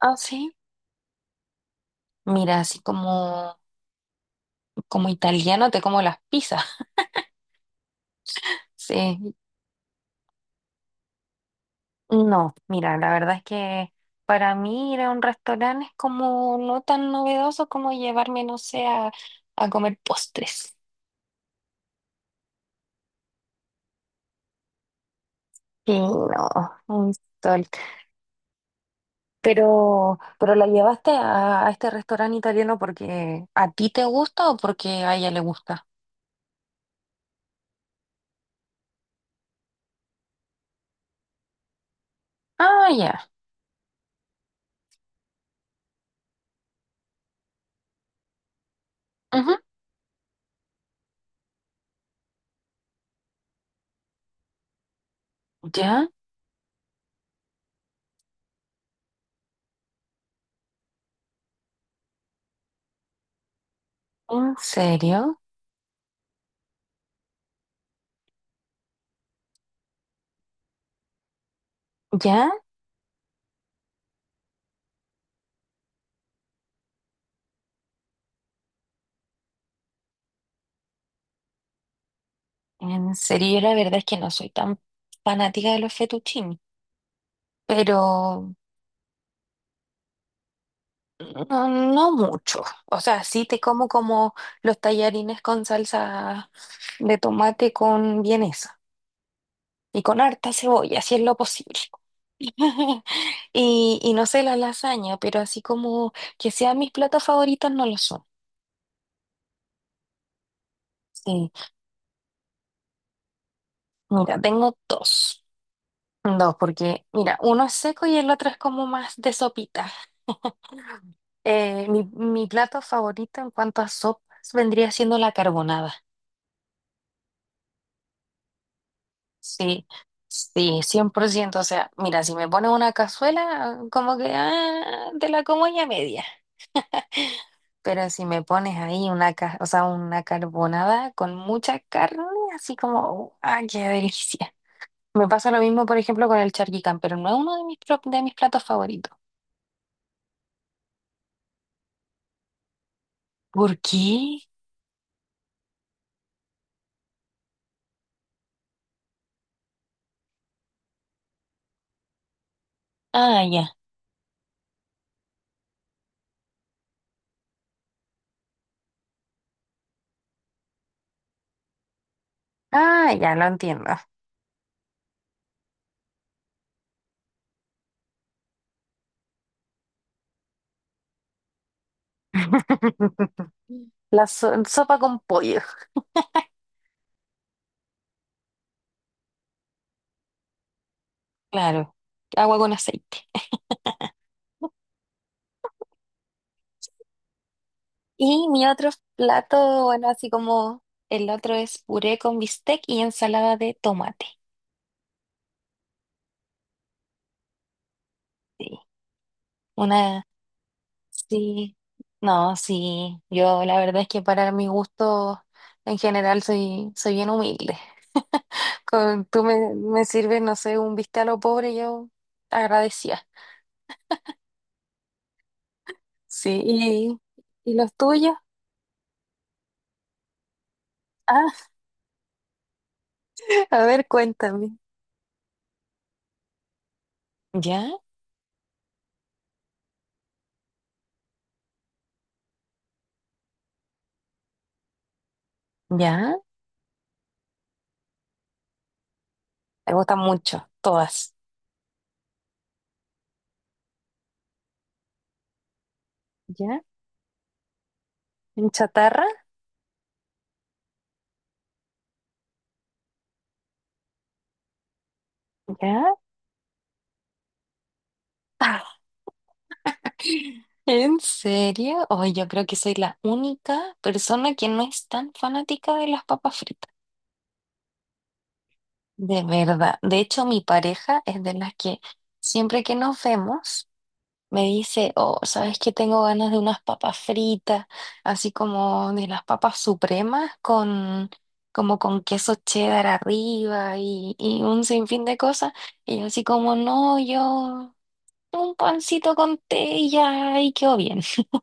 Ah, sí. Mira, así como italiano te como las pizzas. Sí. No, mira, la verdad es que para mí ir a un restaurante es como no tan novedoso como llevarme, no sé, a comer postres. Sí, no, un sol. Pero la llevaste a este restaurante italiano porque a ti te gusta o porque a ella le gusta. Ah, ya. Ujú. ¿Ya? ¿En serio? ¿Ya? En serio, yo la verdad es que no soy tan fanática de los fettuccini, pero no, no mucho. O sea, sí te como como los tallarines con salsa de tomate con vienesa y con harta cebolla, si es lo posible. Y no sé, la lasaña, pero así como que sean mis platos favoritos, no lo son. Sí, mira, tengo dos. Dos, porque mira, uno es seco y el otro es como más de sopita. Mi plato favorito en cuanto a sopas vendría siendo la carbonada. Sí, sí, 100%. O sea, mira, si me pones una cazuela, como que ah, te la como ya media. Pero si me pones ahí o sea, una carbonada con mucha carne, así como, ¡ah, qué delicia! Me pasa lo mismo, por ejemplo, con el charquicán, pero no es uno de de mis platos favoritos. ¿Por qué? Ah, ya. Ah, ya, lo entiendo. La sopa con pollo. Claro, agua con aceite. Y mi otro plato, bueno, así como el otro es puré con bistec y ensalada de tomate. Sí, una, sí, no, sí, yo la verdad es que para mi gusto en general soy, soy bien humilde. Con, tú me sirves, no sé, un bistec a lo pobre, yo agradecía. Sí, y, los tuyos, ah, a ver, cuéntame. ¿Ya? Ya, me gustan mucho, todas. Ya, en chatarra, ya. Ah, ¿en serio? Hoy yo creo que soy la única persona que no es tan fanática de las papas fritas. De verdad. De hecho, mi pareja es de las que siempre que nos vemos. Me dice, oh, ¿sabes qué? Tengo ganas de unas papas fritas, así como de las papas supremas, con, como con queso cheddar arriba y un sinfín de cosas. Y yo así como, no, yo un pancito con té y ya, y quedó bien.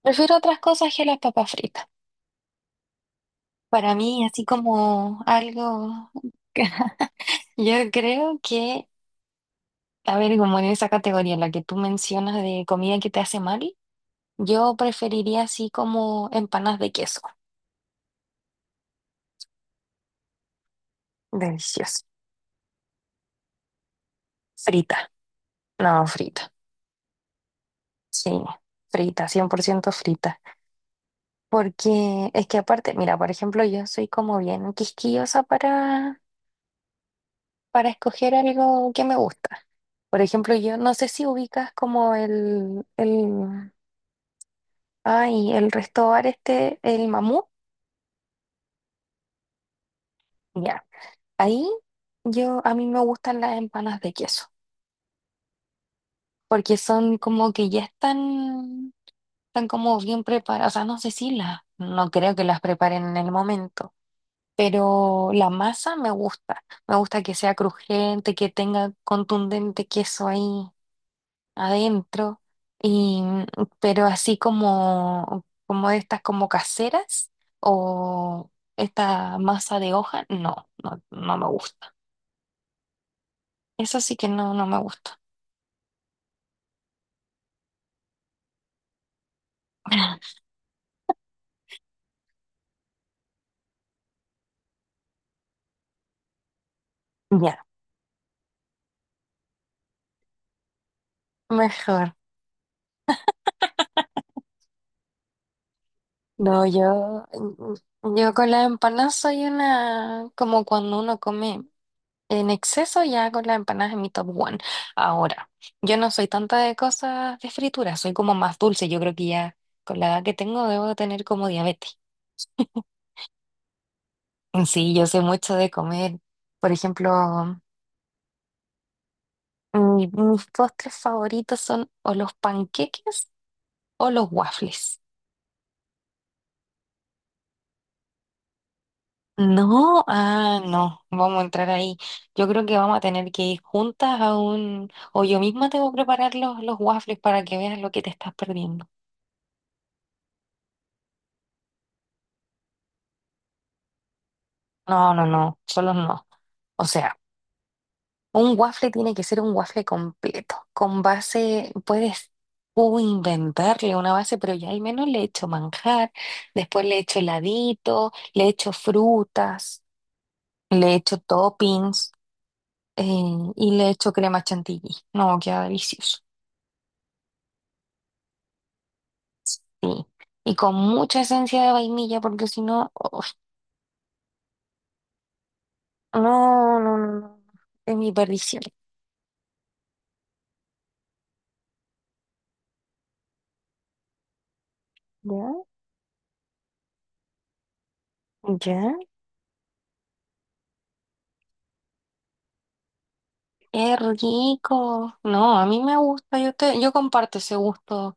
Prefiero otras cosas que las papas fritas. Para mí, así como algo, yo creo que, a ver, como en esa categoría, la que tú mencionas de comida que te hace mal. Yo preferiría así como empanas de queso. Delicioso. Frita. No, frita. Sí, frita, 100% frita. Porque es que aparte, mira, por ejemplo, yo soy como bien quisquillosa para, escoger algo que me gusta. Por ejemplo, yo no sé si ubicas como ay, el resto bar este, el Mamú. Ya. Ahí yo, a mí me gustan las empanas de queso. Porque son como que ya están. Están como bien preparadas, o sea, no sé si las, no creo que las preparen en el momento, pero la masa me gusta que sea crujiente, que tenga contundente queso ahí adentro, y, pero así como, como estas como caseras o esta masa de hoja, no, no, no me gusta. Eso sí que no, no me gusta. Ya, mejor. No, yo con las empanadas soy una, como cuando uno come en exceso, ya con las empanadas es mi top one. Ahora, yo no soy tanta de cosas de fritura, soy como más dulce. Yo creo que ya con la edad que tengo debo de tener como diabetes. Sí, yo sé mucho de comer. Por ejemplo, mis postres favoritos son o los panqueques o los waffles. No, ah, no, vamos a entrar ahí. Yo creo que vamos a tener que ir juntas a un, o yo misma tengo que preparar los waffles para que veas lo que te estás perdiendo. No, no, no, solo no. O sea, un waffle tiene que ser un waffle completo, con base, puedes tú inventarle una base, pero ya al menos le echo manjar, después le echo heladito, le echo frutas, le echo toppings, eh, y le echo crema chantilly. No, queda delicioso. Sí. Y con mucha esencia de vainilla, porque si no, uf, no, no, no, no, es mi perdición. ¿Ya? Ya, es rico. No, a mí me gusta, yo te, yo comparto ese gusto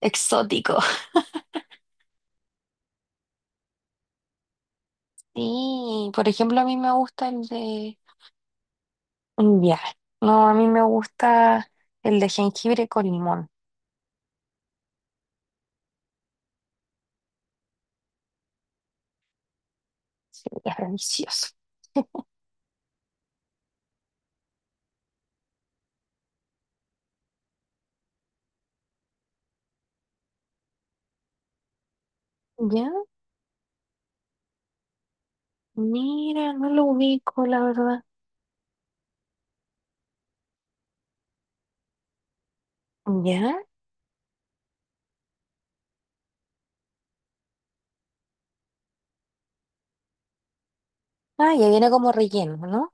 exótico. Sí, por ejemplo, a mí me gusta el de ya. No, a mí me gusta el de jengibre con limón. Sí, es delicioso. Ya, mira, no lo ubico, la verdad. Ya. Ah, ya viene como relleno, ¿no?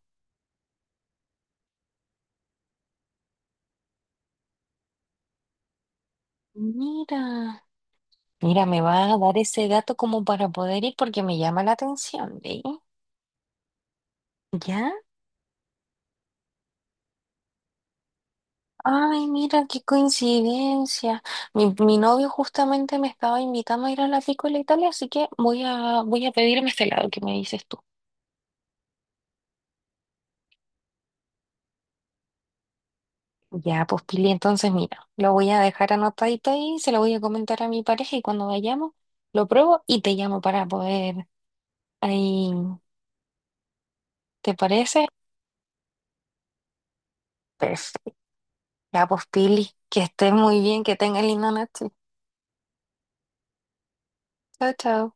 Mira. Mira, me va a dar ese dato como para poder ir porque me llama la atención, ¿ve? ¿Ya? Ay, mira, qué coincidencia. Mi novio justamente me estaba invitando a ir a la Piccola Italia, así que voy a, voy a pedirme este lado que me dices tú. Ya, pues Pili, entonces mira, lo voy a dejar anotadito ahí, se lo voy a comentar a mi pareja y cuando vayamos lo pruebo y te llamo para poder ahí, ¿te parece? Perfecto. Ya, pues Pili, que estés muy bien, que tengas linda noche. Chao, chao.